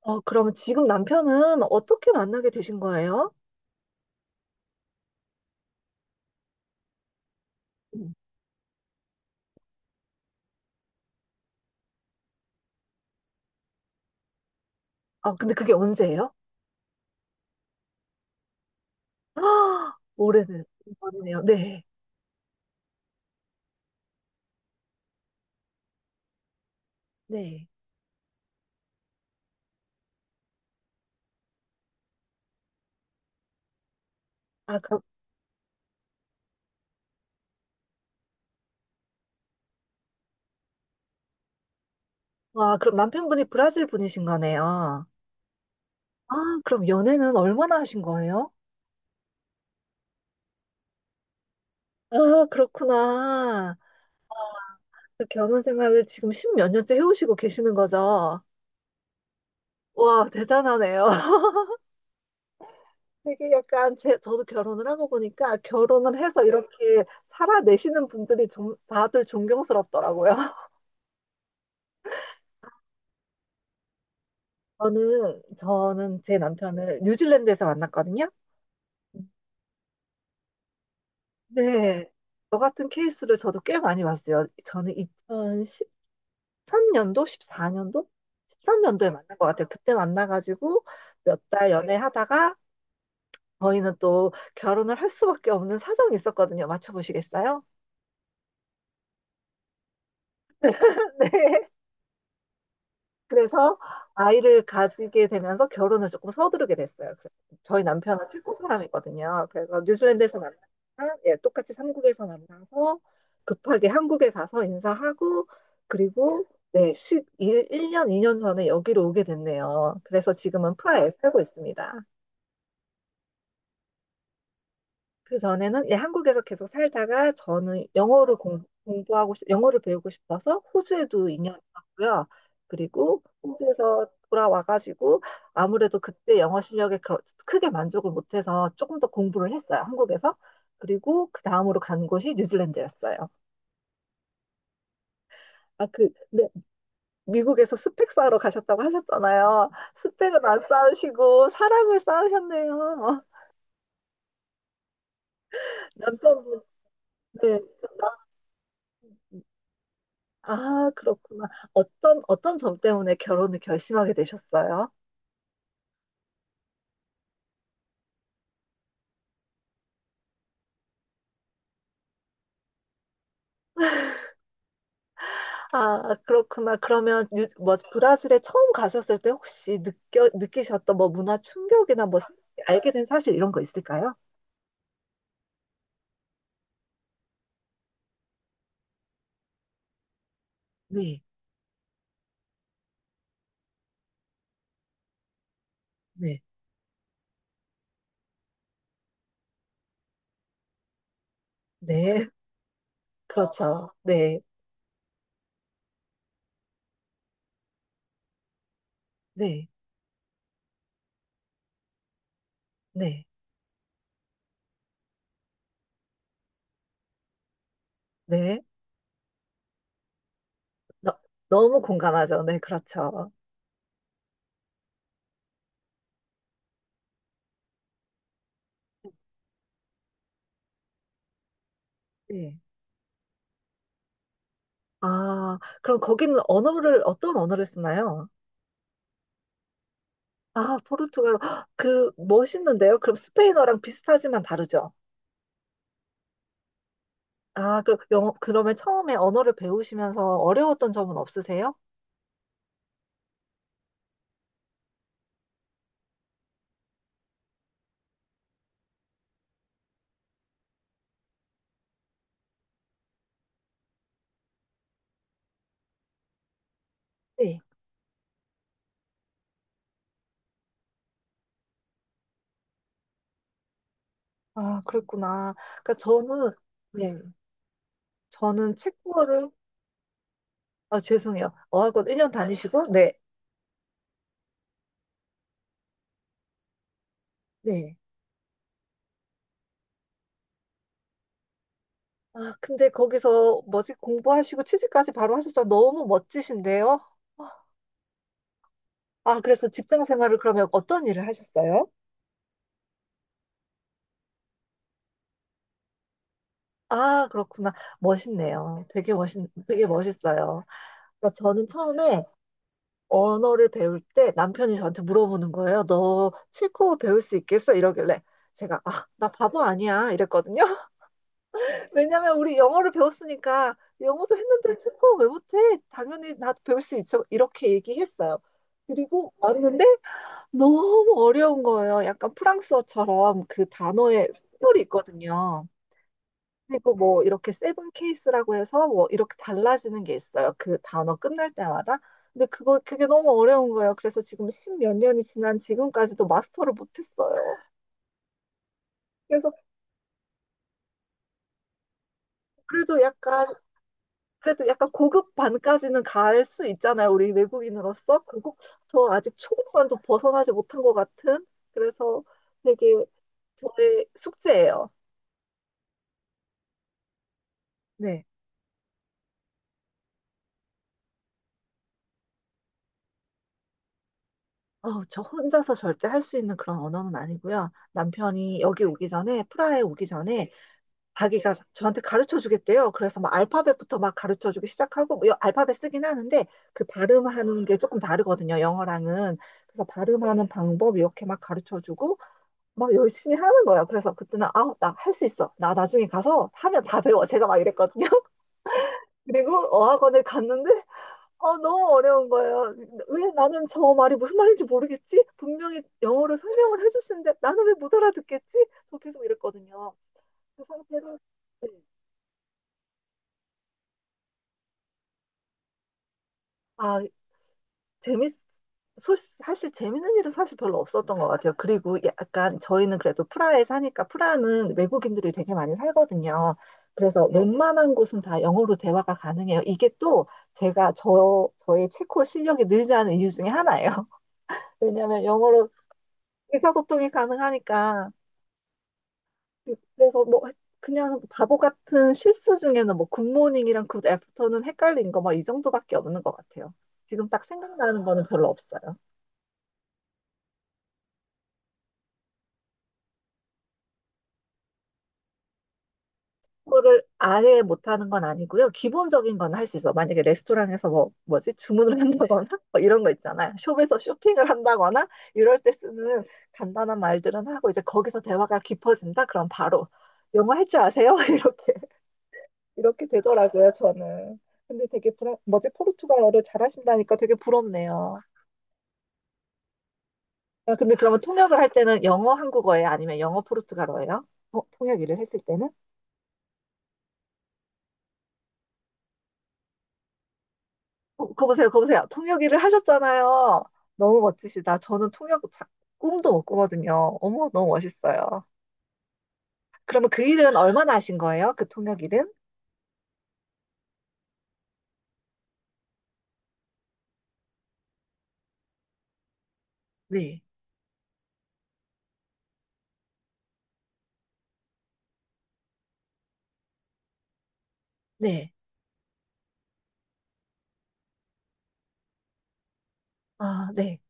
그럼 지금 남편은 어떻게 만나게 되신 거예요? 음. 아, 근데 그게 언제예요? 아, 해는 전이네요. 네, 네. 아, 그럼. 와, 그럼 남편분이 브라질 분이신 거네요. 아, 그럼 연애는 얼마나 하신 거예요? 아, 그렇구나. 그 결혼 생활을 지금 십몇 년째 해오시고 계시는 거죠? 와, 대단하네요. 되게 약간 저도 결혼을 하고 보니까 결혼을 해서 이렇게 살아내시는 분들이 좀 다들 존경스럽더라고요. 저는 제 남편을 뉴질랜드에서 만났거든요. 네. 저 같은 케이스를 저도 꽤 많이 봤어요. 저는 2013년도, 14년도? 13년도에 만난 것 같아요. 그때 만나가지고 몇 달 연애하다가 저희는 또 결혼을 할 수밖에 없는 사정이 있었거든요. 맞춰보시겠어요? 네. 그래서 아이를 가지게 되면서 결혼을 조금 서두르게 됐어요. 그래서 저희 남편은 체코 사람이거든요. 그래서 뉴질랜드에서 만나서 예, 똑같이 삼국에서 만나서 급하게 한국에 가서 인사하고 그리고 네, 1일년 2년 전에 여기로 오게 됐네요. 그래서 지금은 프라하에 살고 있습니다. 그 전에는 예, 한국에서 계속 살다가 저는 영어를 공, 부하고 영어를 배우고 싶어서 호주에도 2년 있었고요. 그리고 호주에서 돌아와가지고 아무래도 그때 영어 실력에 크게 만족을 못해서 조금 더 공부를 했어요. 한국에서. 그리고 그 다음으로 간 곳이 뉴질랜드였어요. 아, 근데 미국에서 스펙 쌓으러 가셨다고 하셨잖아요. 스펙은 안 쌓으시고 사랑을 쌓으셨네요. 남편분, 네. 그러니까 아, 그렇구나. 어떤 점 때문에 결혼을 결심하게 되셨어요? 아, 그렇구나. 그러면, 뭐, 브라질에 처음 가셨을 때 혹시 느끼셨던 뭐 문화 충격이나 뭐, 알게 된 사실 이런 거 있을까요? 네, 네, 네. 그렇죠. 네, 네, 네, 네. 너, 너무 공감하죠. 네, 그렇죠. 네. 아, 그럼 거기는 어떤 언어를 쓰나요? 아, 포르투갈어. 헉, 멋있는데요? 그럼 스페인어랑 비슷하지만 다르죠? 아, 그러면 처음에 언어를 배우시면서 어려웠던 점은 없으세요? 네. 아, 그랬구나. 그러니까 저는, 네, 저는 체코어를. 아, 죄송해요. 어학원 1년 다니시고, 네, 네. 아, 근데 거기서 뭐지, 공부하시고 취직까지 바로 하셨어. 너무 멋지신데요? 아, 그래서 직장 생활을 그러면 어떤 일을 하셨어요? 아, 그렇구나. 멋있네요. 되게 멋있어요. 그러니까 저는 처음에 언어를 배울 때 남편이 저한테 물어보는 거예요. 너 체코어 배울 수 있겠어? 이러길래 제가 아, 나 바보 아니야 이랬거든요. 왜냐면 우리 영어를 배웠으니까 영어도 했는데 체코어 왜 못해? 당연히 나 배울 수 있어. 이렇게 얘기했어요. 그리고 왔는데 너무 어려운 거예요. 약간 프랑스어처럼 그 단어에 속별이 있거든요. 그리고 뭐 이렇게 세븐 케이스라고 해서 뭐 이렇게 달라지는 게 있어요. 그 단어 끝날 때마다. 근데 그거 그게 너무 어려운 거예요. 그래서 지금 십몇 년이 지난 지금까지도 마스터를 못했어요. 그래서 그래도 약간 그래도 약간 고급 반까지는 갈 수 있잖아요. 우리 외국인으로서 그리고 저 아직 초급반도 벗어나지 못한 것 같은. 그래서 되게 저의 숙제예요. 네. 저 혼자서 절대 할 수 있는 그런 언어는 아니고요. 남편이 여기 오기 전에, 프라하에 오기 전에 자기가 저한테 가르쳐 주겠대요. 그래서 막 알파벳부터 막 가르쳐 주기 시작하고, 뭐 알파벳 쓰긴 하는데, 그 발음하는 게 조금 다르거든요, 영어랑은. 그래서 발음하는 방법 이렇게 막 가르쳐 주고, 막 열심히 하는 거예요. 그래서 그때는, 아, 나 할 수 있어. 나 나중에 가서 하면 다 배워. 제가 막 이랬거든요. 그리고 어학원을 갔는데, 너무 어려운 거예요. 왜 나는 저 말이 무슨 말인지 모르겠지? 분명히 영어로 설명을 해줬는데, 나는 왜 못 알아듣겠지? 저 계속 이랬거든요. 그 상태로. 네. 아, 재밌, 솔- 사실 재밌는 일은 사실 별로 없었던 것 같아요. 그리고 약간 저희는 그래도 프라하에 사니까 프라하는 외국인들이 되게 많이 살거든요. 그래서 웬만한 곳은 다 영어로 대화가 가능해요. 이게 또 저의 체코 실력이 늘지 않은 이유 중에 하나예요. 왜냐하면 영어로 의사소통이 가능하니까. 그래서 뭐 그냥 바보 같은 실수 중에는 뭐 굿모닝이랑 굿애프터는 헷갈린 거 막 이 정도밖에 없는 것 같아요. 지금 딱 생각나는 거는 별로 없어요. 그거를 아예 못하는 건 아니고요. 기본적인 건 할 수 있어. 만약에 레스토랑에서 뭐, 뭐지? 주문을 한다거나, 뭐 이런 거 있잖아요. 숍에서 쇼핑을 한다거나, 이럴 때 쓰는 간단한 말들은 하고, 이제 거기서 대화가 깊어진다? 그럼 바로, 영어 할 줄 아세요? 이렇게, 이렇게 되더라고요, 저는. 근데 되게 뭐지? 포르투갈어를 잘하신다니까 되게 부럽네요. 아, 근데 그러면 통역을 할 때는 영어 한국어예요? 아니면 영어 포르투갈어예요? 통역 일을 했을 때는? 거 보세요, 거 보세요. 통역일을 하셨잖아요. 너무 멋지시다. 저는 통역 꿈도 못 꾸거든요. 어머, 너무 멋있어요. 그러면 그 일은 얼마나 하신 거예요? 그 통역 일은? 네, 네, 아, 네.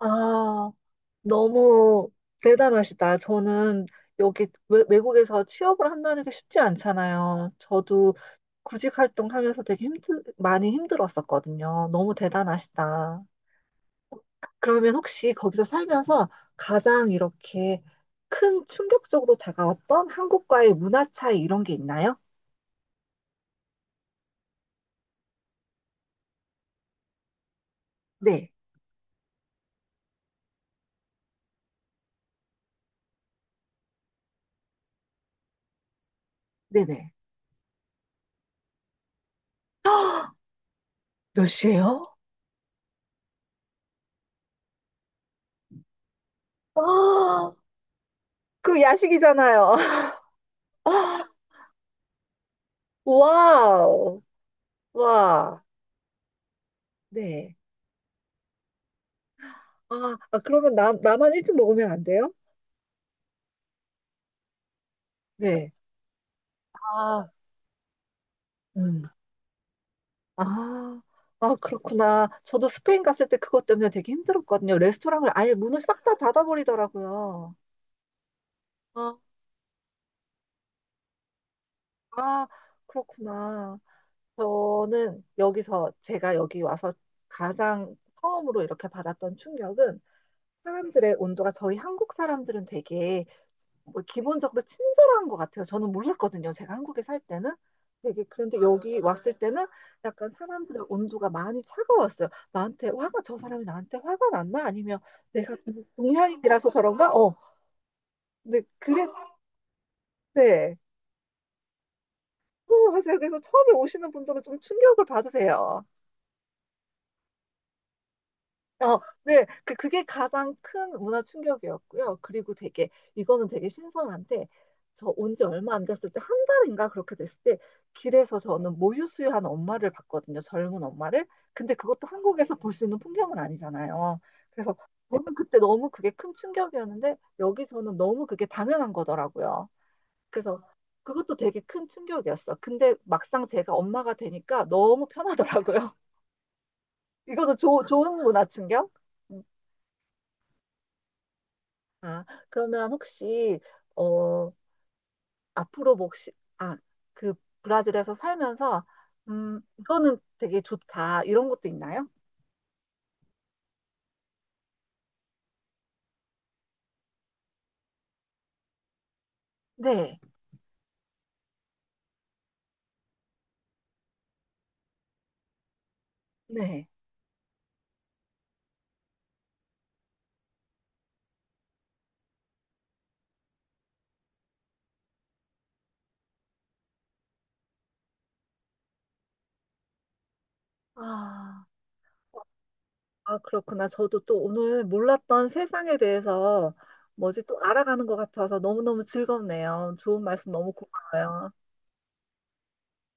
아, 너무 대단하시다. 저는 여기 외국에서 취업을 한다는 게 쉽지 않잖아요. 저도 구직 활동하면서 되게 많이 힘들었었거든요. 너무 대단하시다. 그러면 혹시 거기서 살면서 가장 이렇게 큰 충격적으로 다가왔던 한국과의 문화 차이 이런 게 있나요? 네, 네네. 헉, 몇 시예요? 아, 그 야식이잖아요. 아, 와우, 와, 네. 아, 아, 그러면 나만 일찍 먹으면 안 돼요? 네. 아, 음. 아, 아, 그렇구나. 저도 스페인 갔을 때 그것 때문에 되게 힘들었거든요. 레스토랑을 아예 문을 싹 다 닫아버리더라고요. 아, 그렇구나. 저는 여기서 제가 여기 와서 가장 처음으로 이렇게 받았던 충격은 사람들의 온도가 저희 한국 사람들은 되게 뭐 기본적으로 친절한 것 같아요. 저는 몰랐거든요. 제가 한국에 살 때는. 되게 그런데 여기 왔을 때는 약간 사람들의 온도가 많이 차가웠어요. 나한테 화가 저 사람이 나한테 화가 났나? 아니면 내가 동양인이라서 저런가? 근데 그랬대. 맞아요. 그래서 처음에 오시는 분들은 좀 충격을 받으세요. 네, 그게 가장 큰 문화 충격이었고요. 그리고 이거는 되게 신선한데, 저 온지 얼마 안 됐을 때, 한 달인가 그렇게 됐을 때, 길에서 저는 모유수유하는 엄마를 봤거든요. 젊은 엄마를. 근데 그것도 한국에서 볼 수 있는 풍경은 아니잖아요. 그래서 저는 그때 너무 그게 큰 충격이었는데, 여기서는 너무 그게 당연한 거더라고요. 그래서 그것도 되게 큰 충격이었어. 근데 막상 제가 엄마가 되니까 너무 편하더라고요. 이것도 좋은 문화 충격? 아, 그러면 혹시, 어, 앞으로 혹시, 아, 그 브라질에서 살면서, 이거는 되게 좋다. 이런 것도 있나요? 네, 네. 아, 아, 그렇구나. 저도 또 오늘 몰랐던 세상에 대해서 뭐지 또 알아가는 것 같아서 너무너무 즐겁네요. 좋은 말씀 너무 고마워요.